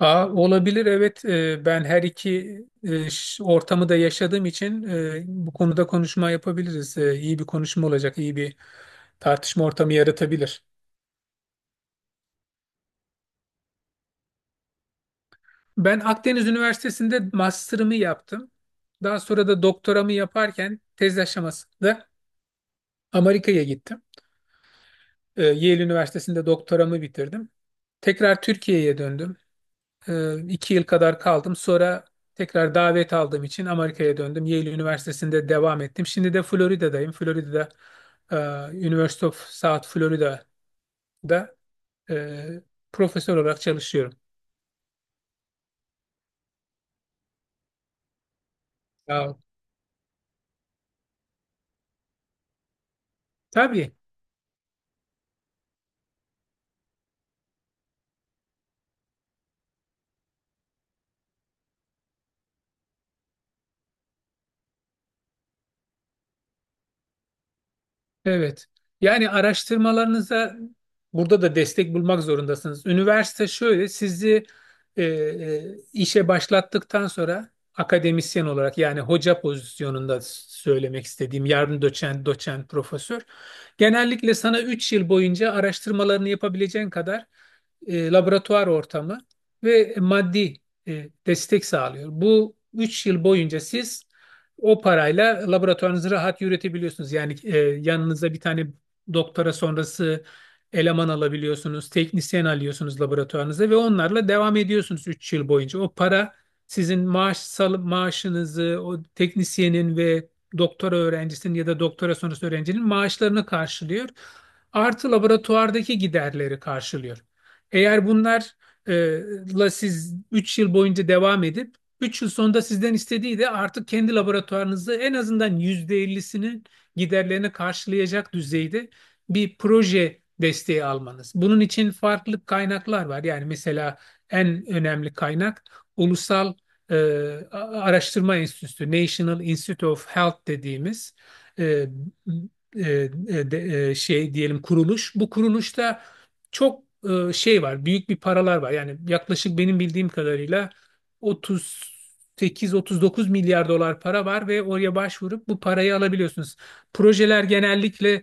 Aa, olabilir, evet. Ben her iki ortamı da yaşadığım için bu konuda konuşma yapabiliriz. İyi bir konuşma olacak, iyi bir tartışma ortamı yaratabilir. Ben Akdeniz Üniversitesi'nde master'ımı yaptım. Daha sonra da doktoramı yaparken tez aşamasında Amerika'ya gittim. Yale Üniversitesi'nde doktoramı bitirdim. Tekrar Türkiye'ye döndüm. 2 yıl kadar kaldım. Sonra tekrar davet aldığım için Amerika'ya döndüm. Yale Üniversitesi'nde devam ettim. Şimdi de Florida'dayım. Florida'da University of South Florida'da e, profesör olarak çalışıyorum. Ya, tabii. Evet. Yani araştırmalarınıza burada da destek bulmak zorundasınız. Üniversite şöyle sizi işe başlattıktan sonra akademisyen olarak, yani hoca pozisyonunda söylemek istediğim, yardım doçent, doçent, profesör, genellikle sana 3 yıl boyunca araştırmalarını yapabileceğin kadar laboratuvar ortamı ve maddi destek sağlıyor. Bu 3 yıl boyunca siz o parayla laboratuvarınızı rahat yürütebiliyorsunuz. Yani yanınıza bir tane doktora sonrası eleman alabiliyorsunuz, teknisyen alıyorsunuz laboratuvarınıza ve onlarla devam ediyorsunuz 3 yıl boyunca. O para sizin maaşınızı, o teknisyenin ve doktora öğrencisinin ya da doktora sonrası öğrencinin maaşlarını karşılıyor. Artı, laboratuvardaki giderleri karşılıyor. Eğer bunlarla siz 3 yıl boyunca devam edip, 3 yıl sonunda sizden istediği de artık kendi laboratuvarınızda en azından %50'sinin giderlerini karşılayacak düzeyde bir proje desteği almanız. Bunun için farklı kaynaklar var. Yani mesela en önemli kaynak ulusal e, araştırma enstitüsü, National Institute of Health dediğimiz e, e, e, şey diyelim, kuruluş. Bu kuruluşta çok şey var, büyük bir paralar var. Yani yaklaşık benim bildiğim kadarıyla 38-39 milyar dolar para var ve oraya başvurup bu parayı alabiliyorsunuz. Projeler genellikle,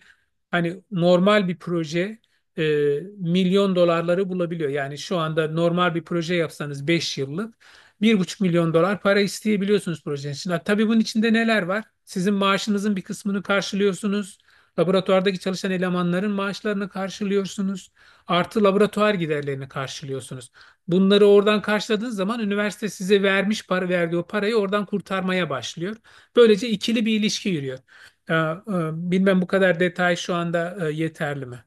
hani normal bir proje e, milyon dolarları bulabiliyor. Yani şu anda normal bir proje yapsanız 5 yıllık 1,5 milyon dolar para isteyebiliyorsunuz projenin için. Ha, tabii bunun içinde neler var? Sizin maaşınızın bir kısmını karşılıyorsunuz. Laboratuvardaki çalışan elemanların maaşlarını karşılıyorsunuz, artı laboratuvar giderlerini karşılıyorsunuz. Bunları oradan karşıladığınız zaman üniversite size para verdiği o parayı oradan kurtarmaya başlıyor. Böylece ikili bir ilişki yürüyor. Ee, e, Bilmem bu kadar detay şu anda yeterli mi?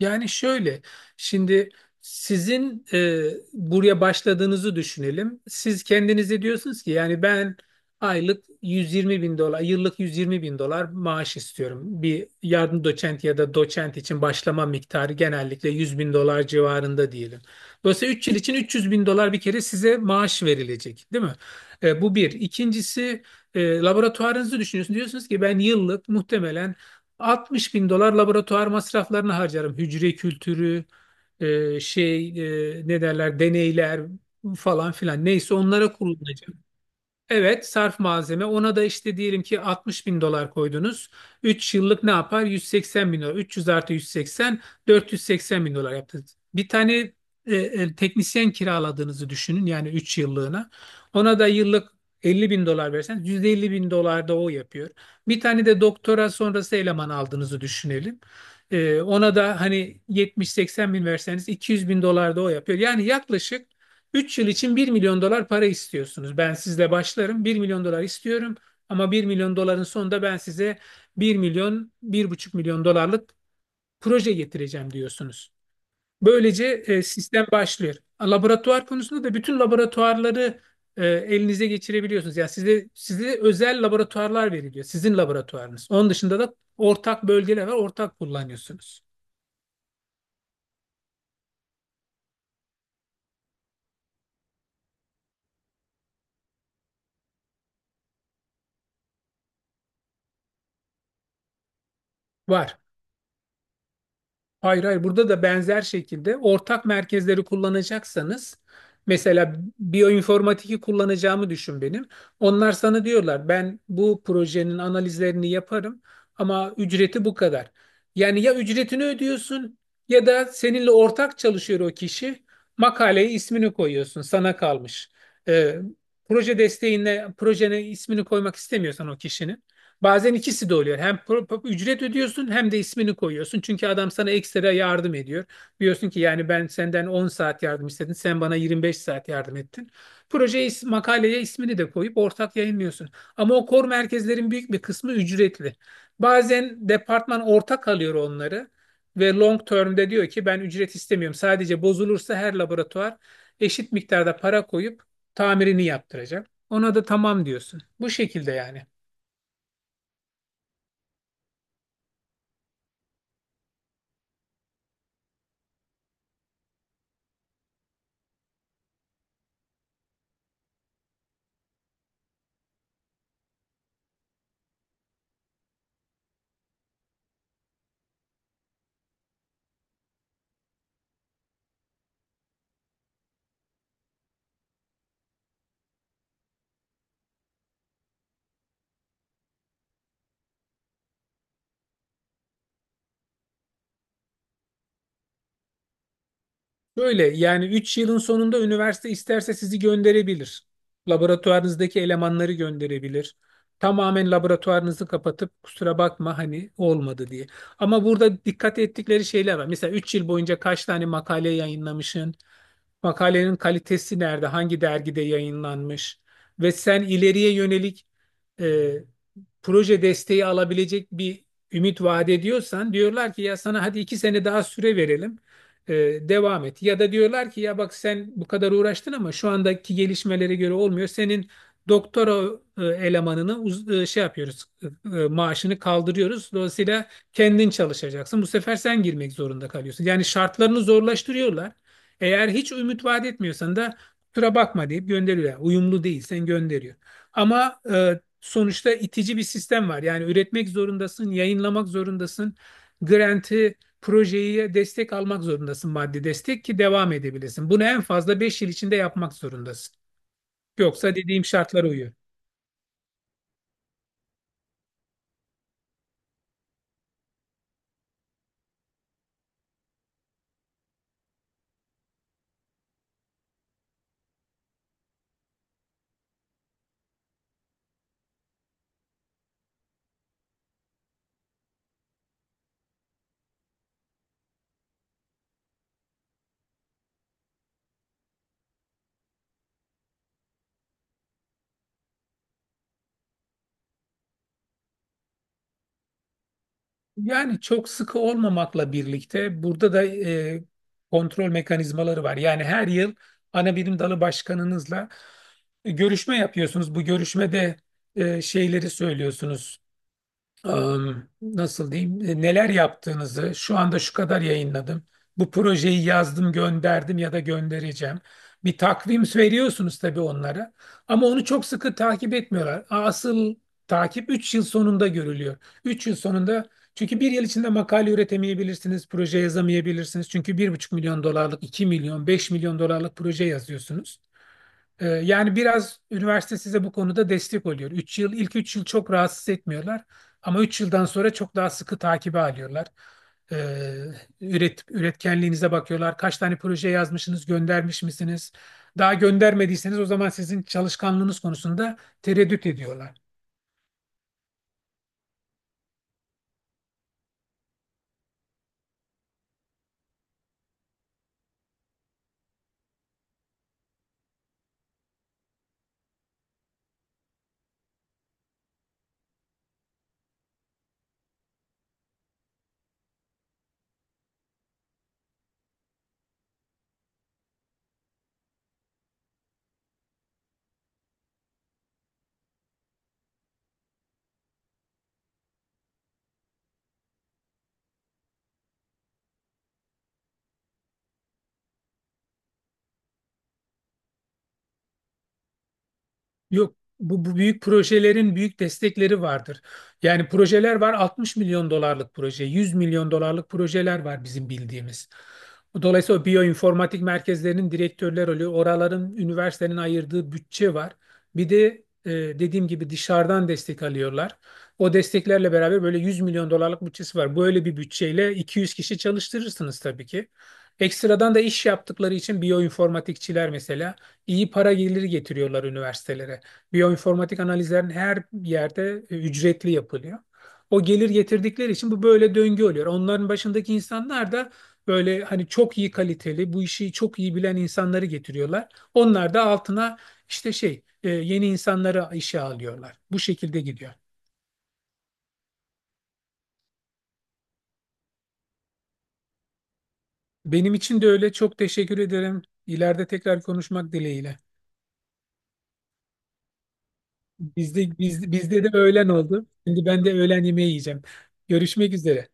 Yani şöyle, şimdi sizin buraya başladığınızı düşünelim. Siz kendinize diyorsunuz ki, yani ben aylık 120 bin dolar, yıllık 120 bin dolar maaş istiyorum. Bir yardım doçent ya da doçent için başlama miktarı genellikle 100 bin dolar civarında diyelim. Dolayısıyla 3 yıl için 300 bin dolar bir kere size maaş verilecek, değil mi? Bu bir. İkincisi, laboratuvarınızı düşünüyorsunuz. Diyorsunuz ki ben yıllık muhtemelen 60 bin dolar laboratuvar masraflarını harcarım. Hücre kültürü, şey, ne derler, deneyler falan filan. Neyse, onlara kullanacağım. Evet, sarf malzeme. Ona da işte diyelim ki 60 bin dolar koydunuz. 3 yıllık ne yapar? 180 bin dolar. 300 artı 180, 480 bin dolar yaptı. Bir tane teknisyen kiraladığınızı düşünün, yani 3 yıllığına. Ona da yıllık 50 bin dolar verseniz 150 bin dolar da o yapıyor. Bir tane de doktora sonrası eleman aldığınızı düşünelim. E, ona da hani 70-80 bin verseniz 200 bin dolar da o yapıyor. Yani yaklaşık 3 yıl için 1 milyon dolar para istiyorsunuz. Ben sizle başlarım. 1 milyon dolar istiyorum, ama 1 milyon doların sonunda ben size 1 milyon, 1,5 milyon dolarlık proje getireceğim diyorsunuz. Böylece sistem başlıyor. Laboratuvar konusunda da bütün laboratuvarları elinize geçirebiliyorsunuz. Yani size özel laboratuvarlar veriliyor. Sizin laboratuvarınız. Onun dışında da ortak bölgeler var. Ortak kullanıyorsunuz. Var. Hayır, hayır, burada da benzer şekilde ortak merkezleri kullanacaksanız, mesela biyoinformatik'i kullanacağımı düşün benim. Onlar sana diyorlar, ben bu projenin analizlerini yaparım ama ücreti bu kadar. Yani ya ücretini ödüyorsun, ya da seninle ortak çalışıyor o kişi, makaleye ismini koyuyorsun, sana kalmış. Ee, Proje desteğine, projene ismini koymak istemiyorsan o kişinin. Bazen ikisi de oluyor. Hem ücret ödüyorsun, hem de ismini koyuyorsun. Çünkü adam sana ekstra yardım ediyor. Diyorsun ki, yani ben senden 10 saat yardım istedim. Sen bana 25 saat yardım ettin. Projeye, makaleye ismini de koyup ortak yayınlıyorsun. Ama o kor merkezlerin büyük bir kısmı ücretli. Bazen departman ortak alıyor onları ve long term'de diyor ki ben ücret istemiyorum. Sadece bozulursa her laboratuvar eşit miktarda para koyup tamirini yaptıracak. Ona da tamam diyorsun. Bu şekilde, yani. Böyle, yani 3 yılın sonunda üniversite isterse sizi gönderebilir. Laboratuvarınızdaki elemanları gönderebilir. Tamamen laboratuvarınızı kapatıp, kusura bakma hani olmadı diye. Ama burada dikkat ettikleri şeyler var. Mesela 3 yıl boyunca kaç tane makale yayınlamışsın? Makalenin kalitesi nerede? Hangi dergide yayınlanmış? Ve sen ileriye yönelik e, proje desteği alabilecek bir ümit vaat ediyorsan, diyorlar ki ya sana hadi 2 sene daha süre verelim, e, devam et. Ya da diyorlar ki ya bak, sen bu kadar uğraştın ama şu andaki gelişmelere göre olmuyor. Senin doktora elemanını şey yapıyoruz, maaşını kaldırıyoruz. Dolayısıyla kendin çalışacaksın. Bu sefer sen girmek zorunda kalıyorsun. Yani şartlarını zorlaştırıyorlar. Eğer hiç ümit vaat etmiyorsan da kusura bakma deyip gönderiyorlar. Uyumlu değil sen, gönderiyor. Ama sonuçta itici bir sistem var. Yani üretmek zorundasın, yayınlamak zorundasın. Grant'ı, projeye destek almak zorundasın, maddi destek, ki devam edebilesin. Bunu en fazla 5 yıl içinde yapmak zorundasın. Yoksa dediğim şartlara uyuyor. Yani çok sıkı olmamakla birlikte burada da kontrol mekanizmaları var. Yani her yıl ana bilim dalı başkanınızla görüşme yapıyorsunuz. Bu görüşmede şeyleri söylüyorsunuz. Nasıl diyeyim, neler yaptığınızı, şu anda şu kadar yayınladım. Bu projeyi yazdım, gönderdim ya da göndereceğim. Bir takvim veriyorsunuz tabii onlara, ama onu çok sıkı takip etmiyorlar. Asıl takip 3 yıl sonunda görülüyor. 3 yıl sonunda, çünkü 1 yıl içinde makale üretemeyebilirsiniz, proje yazamayabilirsiniz. Çünkü 1,5 milyon dolarlık, 2 milyon, 5 milyon dolarlık proje yazıyorsunuz. Yani biraz üniversite size bu konuda destek oluyor. 3 yıl, ilk 3 yıl çok rahatsız etmiyorlar, ama 3 yıldan sonra çok daha sıkı takibe alıyorlar. Ee, Üretkenliğinize bakıyorlar. Kaç tane proje yazmışsınız, göndermiş misiniz? Daha göndermediyseniz, o zaman sizin çalışkanlığınız konusunda tereddüt ediyorlar. Yok, bu büyük projelerin büyük destekleri vardır. Yani projeler var, 60 milyon dolarlık proje, 100 milyon dolarlık projeler var bizim bildiğimiz. Dolayısıyla o biyoinformatik merkezlerinin direktörler oluyor. Oraların üniversitenin ayırdığı bütçe var. Bir de, e, dediğim gibi dışarıdan destek alıyorlar. O desteklerle beraber böyle 100 milyon dolarlık bütçesi var. Böyle bir bütçeyle 200 kişi çalıştırırsınız tabii ki. Ekstradan da iş yaptıkları için biyoinformatikçiler, mesela, iyi para geliri getiriyorlar üniversitelere. Biyoinformatik analizlerin her yerde ücretli yapılıyor. O gelir getirdikleri için bu böyle döngü oluyor. Onların başındaki insanlar da böyle hani çok iyi kaliteli, bu işi çok iyi bilen insanları getiriyorlar. Onlar da altına işte şey, yeni insanları işe alıyorlar. Bu şekilde gidiyor. Benim için de öyle. Çok teşekkür ederim. İleride tekrar konuşmak dileğiyle. Bizde de öğlen oldu. Şimdi ben de öğlen yemeği yiyeceğim. Görüşmek üzere.